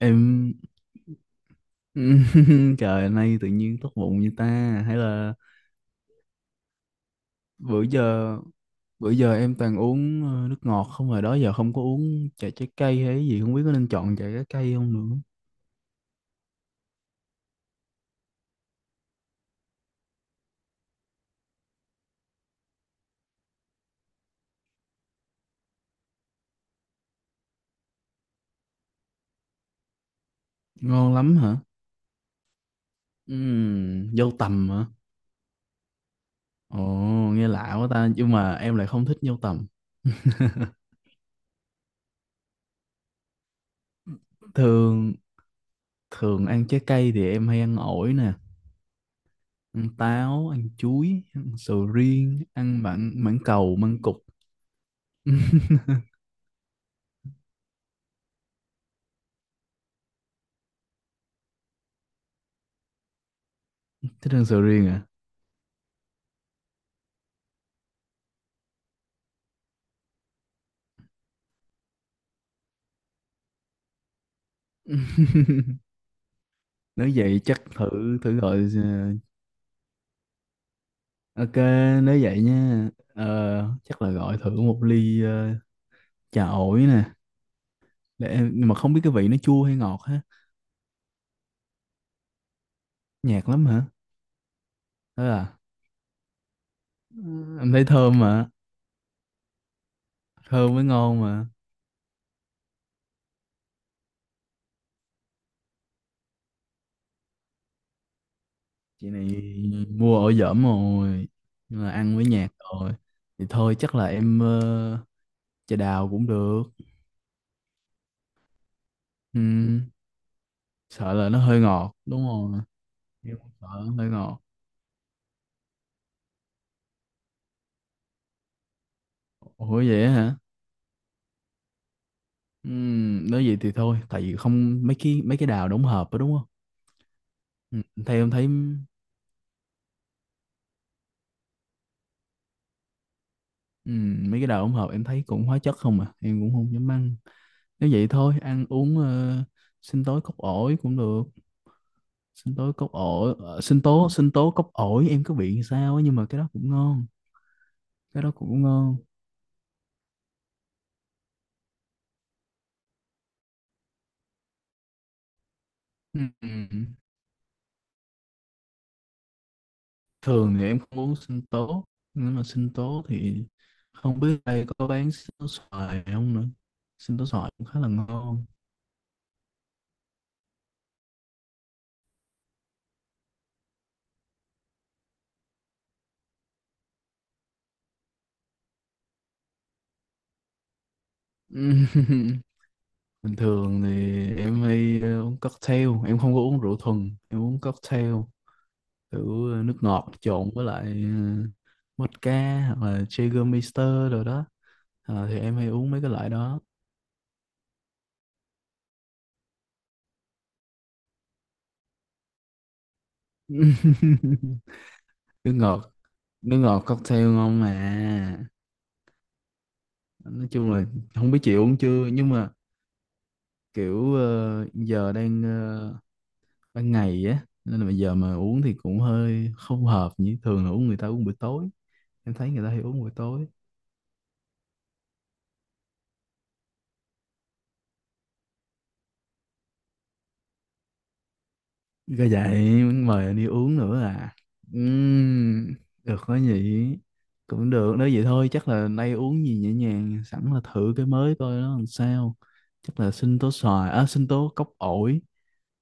Em. Trời, nay tự nhiên tốt bụng như ta. Hay là, bữa giờ bữa giờ em toàn uống nước ngọt không, rồi đó giờ không có uống trà trái cây hay gì, không biết có nên chọn trà trái cây không nữa. Ngon lắm hả? Ừm. Dâu tằm hả? Ồ. Nghe lạ quá ta, nhưng mà em lại không thích dâu tằm. Thường, thường ăn trái cây thì em hay ăn ổi nè, ăn táo, ăn chuối, ăn sầu riêng, ăn mãng mãng cầu, măng cụt. Thích ăn sầu riêng à? Nếu vậy chắc thử thử gọi. Ờ, ok, nếu vậy nha, ờ, chắc là gọi thử một ly trà ổi nè, nhưng mà không biết cái vị nó chua hay ngọt ha? Nhạt lắm hả? Thế à? Ừ, em thấy thơm mà. Thơm mới ngon mà. Chị này mua ổi dởm rồi. Nhưng mà ăn mới nhạt rồi, thì thôi chắc là em trà đào cũng được. Ừm. Sợ là nó hơi ngọt đúng không? Em sợ nó hơi ngọt. Ủa vậy hả? Ừm. Nếu vậy thì thôi, tại vì không mấy cái đào đóng hộp đó đúng không? Ừ, theo em thấy, mấy cái đào đóng hộp em thấy cũng hóa chất không à, em cũng không dám ăn. Nếu vậy thôi, ăn uống sinh tố cốc ổi cũng được, sinh tố cốc ổi, sinh tố cốc ổi em cứ bị sao á, nhưng mà cái đó cũng ngon, cái đó cũng ngon. Ừm. Thường thì em không uống sinh tố, nhưng mà sinh tố thì không biết đây có bán sinh tố xoài không nữa. Sinh tố xoài cũng khá là ngon. Bình thường thì em hay uống cocktail, em không có uống rượu thuần, em uống cocktail kiểu nước ngọt trộn với lại vodka hoặc là Jägermeister rồi đó. Ờ, thì em hay uống mấy cái loại đó. Nước ngọt, nước ngọt cocktail ngon mà. Nói chung là không biết chị uống chưa, nhưng mà kiểu giờ đang ban ngày á, nên là bây giờ mà uống thì cũng hơi không hợp, như thường là uống người ta uống buổi tối. Em thấy người ta hay uống buổi tối. Có vậy muốn mời anh đi uống nữa à? Ừm. Được quá nhỉ. Cũng được, nếu vậy thôi chắc là nay uống gì nhẹ nhàng, sẵn là thử cái mới coi nó làm sao. Chắc là sinh tố xoài à, sinh tố cốc ổi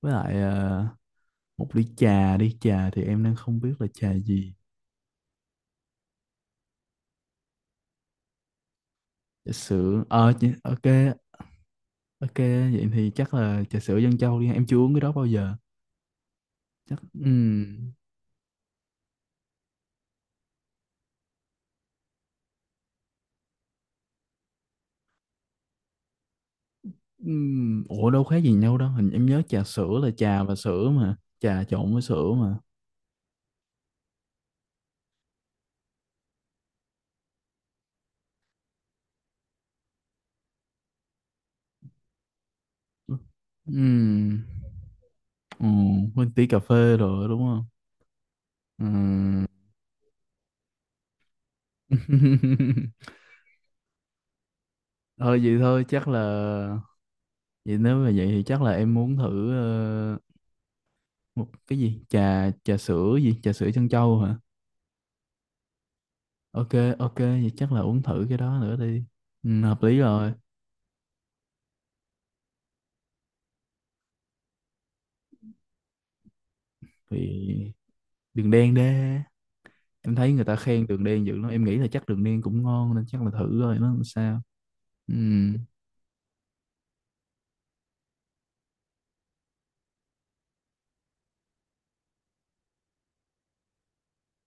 với lại một ly trà đi. Trà thì em đang không biết là trà gì. Trà sữa, ok. Ok, vậy thì chắc là trà sữa dân châu đi, em chưa uống cái đó bao giờ. Chắc. Ừ. Ừm. Ủa đâu khác gì nhau đâu. Hình em nhớ trà sữa là trà và sữa mà. Trà trộn với sữa mà. Ừm. Ừ, quên tí cà phê rồi đúng không? Ừm. Thôi vậy thôi, chắc là. Vậy nếu mà vậy thì chắc là em muốn thử một cái gì. Trà trà sữa gì? Trà sữa trân châu hả? Ok, ok vậy chắc là uống thử cái đó nữa đi. Ừ, hợp lý rồi. Thì đường đen đê, em thấy người ta khen đường đen dữ lắm, em nghĩ là chắc đường đen cũng ngon, nên chắc là thử rồi nó làm sao. Ừm.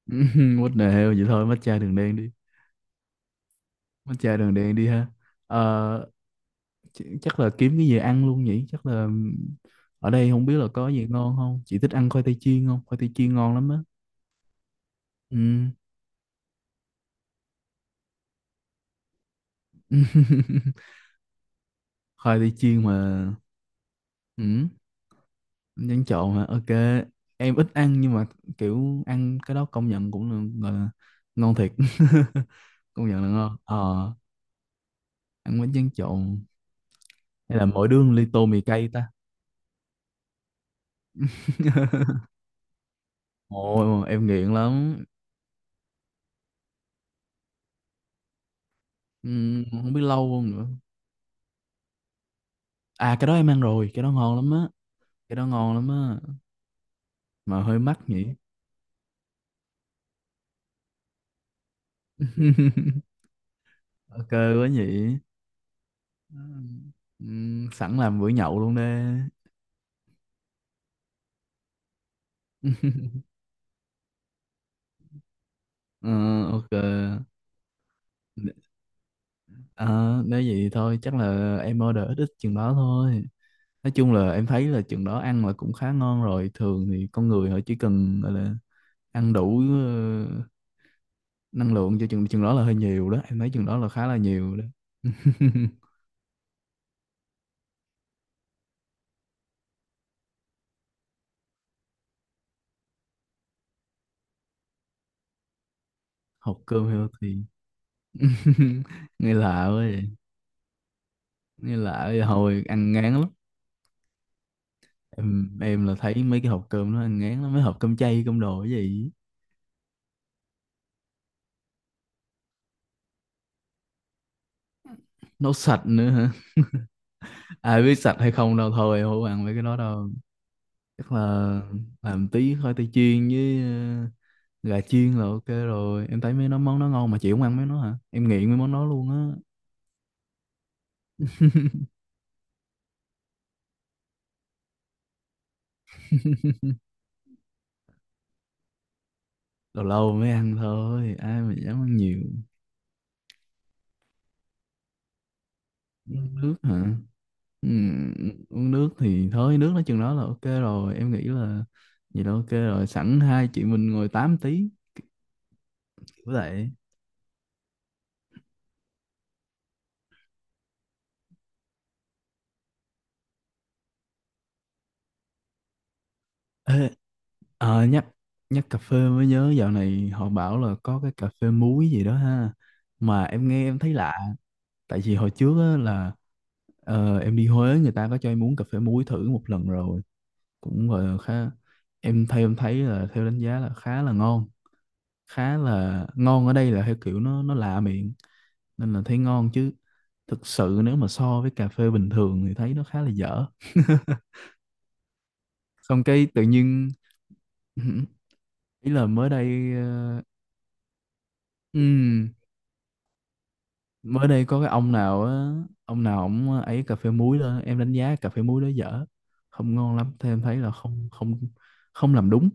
What the hell, vậy thôi matcha đường đen đi. Matcha đường đen đi ha. Ờ, chắc là kiếm cái gì ăn luôn nhỉ, chắc là. Ở đây không biết là có gì ngon không. Chị thích ăn khoai tây chiên không? Khoai tây chiên ngon lắm á. Ừm. Khoai tây chiên mà. Ừm. Nhắn trộn mà, ok. Em ít ăn, nhưng mà kiểu ăn cái đó công nhận cũng là, gọi là ngon thiệt. Công nhận là ngon ờ. Ăn bánh tráng trộn. Hay là mỗi đứa một ly, tô mì cay ta? Ồ, em nghiện lắm. Ừm. Không biết lâu không nữa. À, cái đó em ăn rồi, cái đó ngon lắm á. Cái đó ngon lắm á, mà hơi mắc nhỉ. Ok quá nhỉ. Ừm. Sẵn làm bữa nhậu luôn đi. Ờ, ok. À, nếu vậy thôi chắc là em order ít ít chừng đó thôi. Nói chung là em thấy là chừng đó ăn là cũng khá ngon rồi. Thường thì con người họ chỉ cần gọi là ăn đủ năng lượng cho chừng chừng đó là hơi nhiều đó, em thấy chừng đó là khá là nhiều đó. Học cơm healthy. Nghe lạ quá vậy. Nghe lạ vậy, hồi ăn ngán lắm. Em là thấy mấy cái hộp cơm nó ăn ngán lắm, mấy hộp cơm chay cơm đồ cái gì. Nấu sạch nữa hả? Ai biết sạch hay không đâu, thôi không ăn mấy cái đó đâu. Chắc là làm tí khoai tây chiên với gà chiên là ok rồi. Em thấy mấy nó món nó ngon mà chị không ăn mấy nó hả? Em nghiện mấy món đó luôn á. Lâu lâu mới ăn thôi, ai mà dám ăn nhiều. Uống nước hả? Ừm. Uống nước thì thôi, nước nói chừng đó là ok rồi, em nghĩ là. Vậy là ok rồi, sẵn hai chị mình ngồi tám tí, kiểu vậy. Ê, nhắc nhắc cà phê mới nhớ dạo này họ bảo là có cái cà phê muối gì đó ha. Mà em nghe em thấy lạ. Tại vì hồi trước á, là em đi Huế người ta có cho em uống cà phê muối thử một lần rồi. Cũng gọi là khá. Em, theo em thấy là theo đánh giá là khá là ngon. Khá là ngon ở đây là theo kiểu nó lạ miệng, nên là thấy ngon chứ. Thực sự nếu mà so với cà phê bình thường thì thấy nó khá là dở. Xong cái tự nhiên. Ý là mới đây, ừm, mới đây có cái ông nào á. Ông nào ổng ấy cà phê muối lên, em đánh giá cà phê muối đó dở, không ngon lắm, thêm thấy là không, không. Không làm đúng.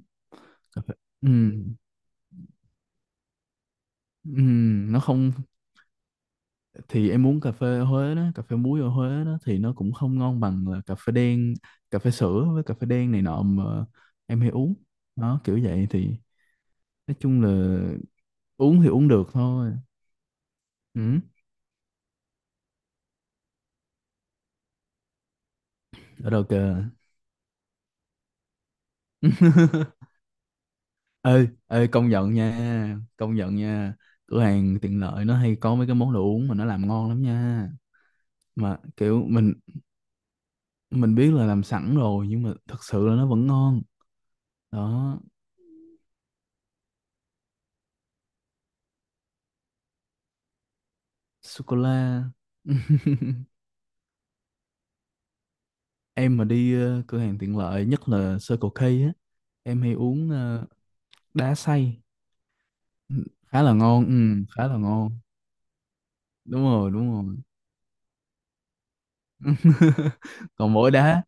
Cà phê- ừm, nó không. Thì em uống cà phê ở Huế đó, cà phê muối ở Huế đó thì nó cũng không ngon bằng là cà phê đen, cà phê sữa với cà phê đen này nọ mà em hay uống. Đó kiểu vậy thì, nói chung là uống thì uống được thôi. Ừ, ở đâu kìa. Ê, ê, công nhận nha, công nhận nha. Cửa hàng tiện lợi nó hay có mấy cái món đồ uống mà nó làm ngon lắm nha. Mà kiểu mình biết là làm sẵn rồi, nhưng mà thật sự là nó vẫn ngon. Đó, sô cô la. Em mà đi cửa hàng tiện lợi, nhất là Circle K á, em hay uống đá xay. Khá là ngon. Ừ, khá là ngon. Đúng rồi, đúng rồi. Còn mỗi đá.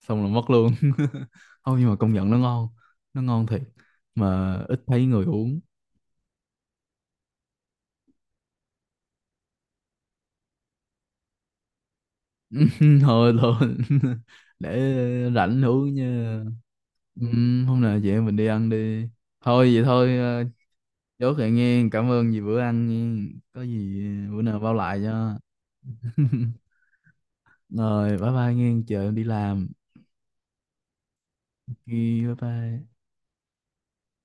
Xong là mất luôn. Không, nhưng mà công nhận nó ngon, nó ngon thiệt. Mà ít thấy người uống. Thôi, thôi. Để rảnh uống nha. Ừ, hôm nào vậy mình đi ăn đi. Thôi vậy thôi, chốt lại nghe. Cảm ơn vì bữa ăn nghe. Có gì, bữa nào bao lại cho. Rồi, bye bye nghe, chờ em đi làm. Ok, bye bye.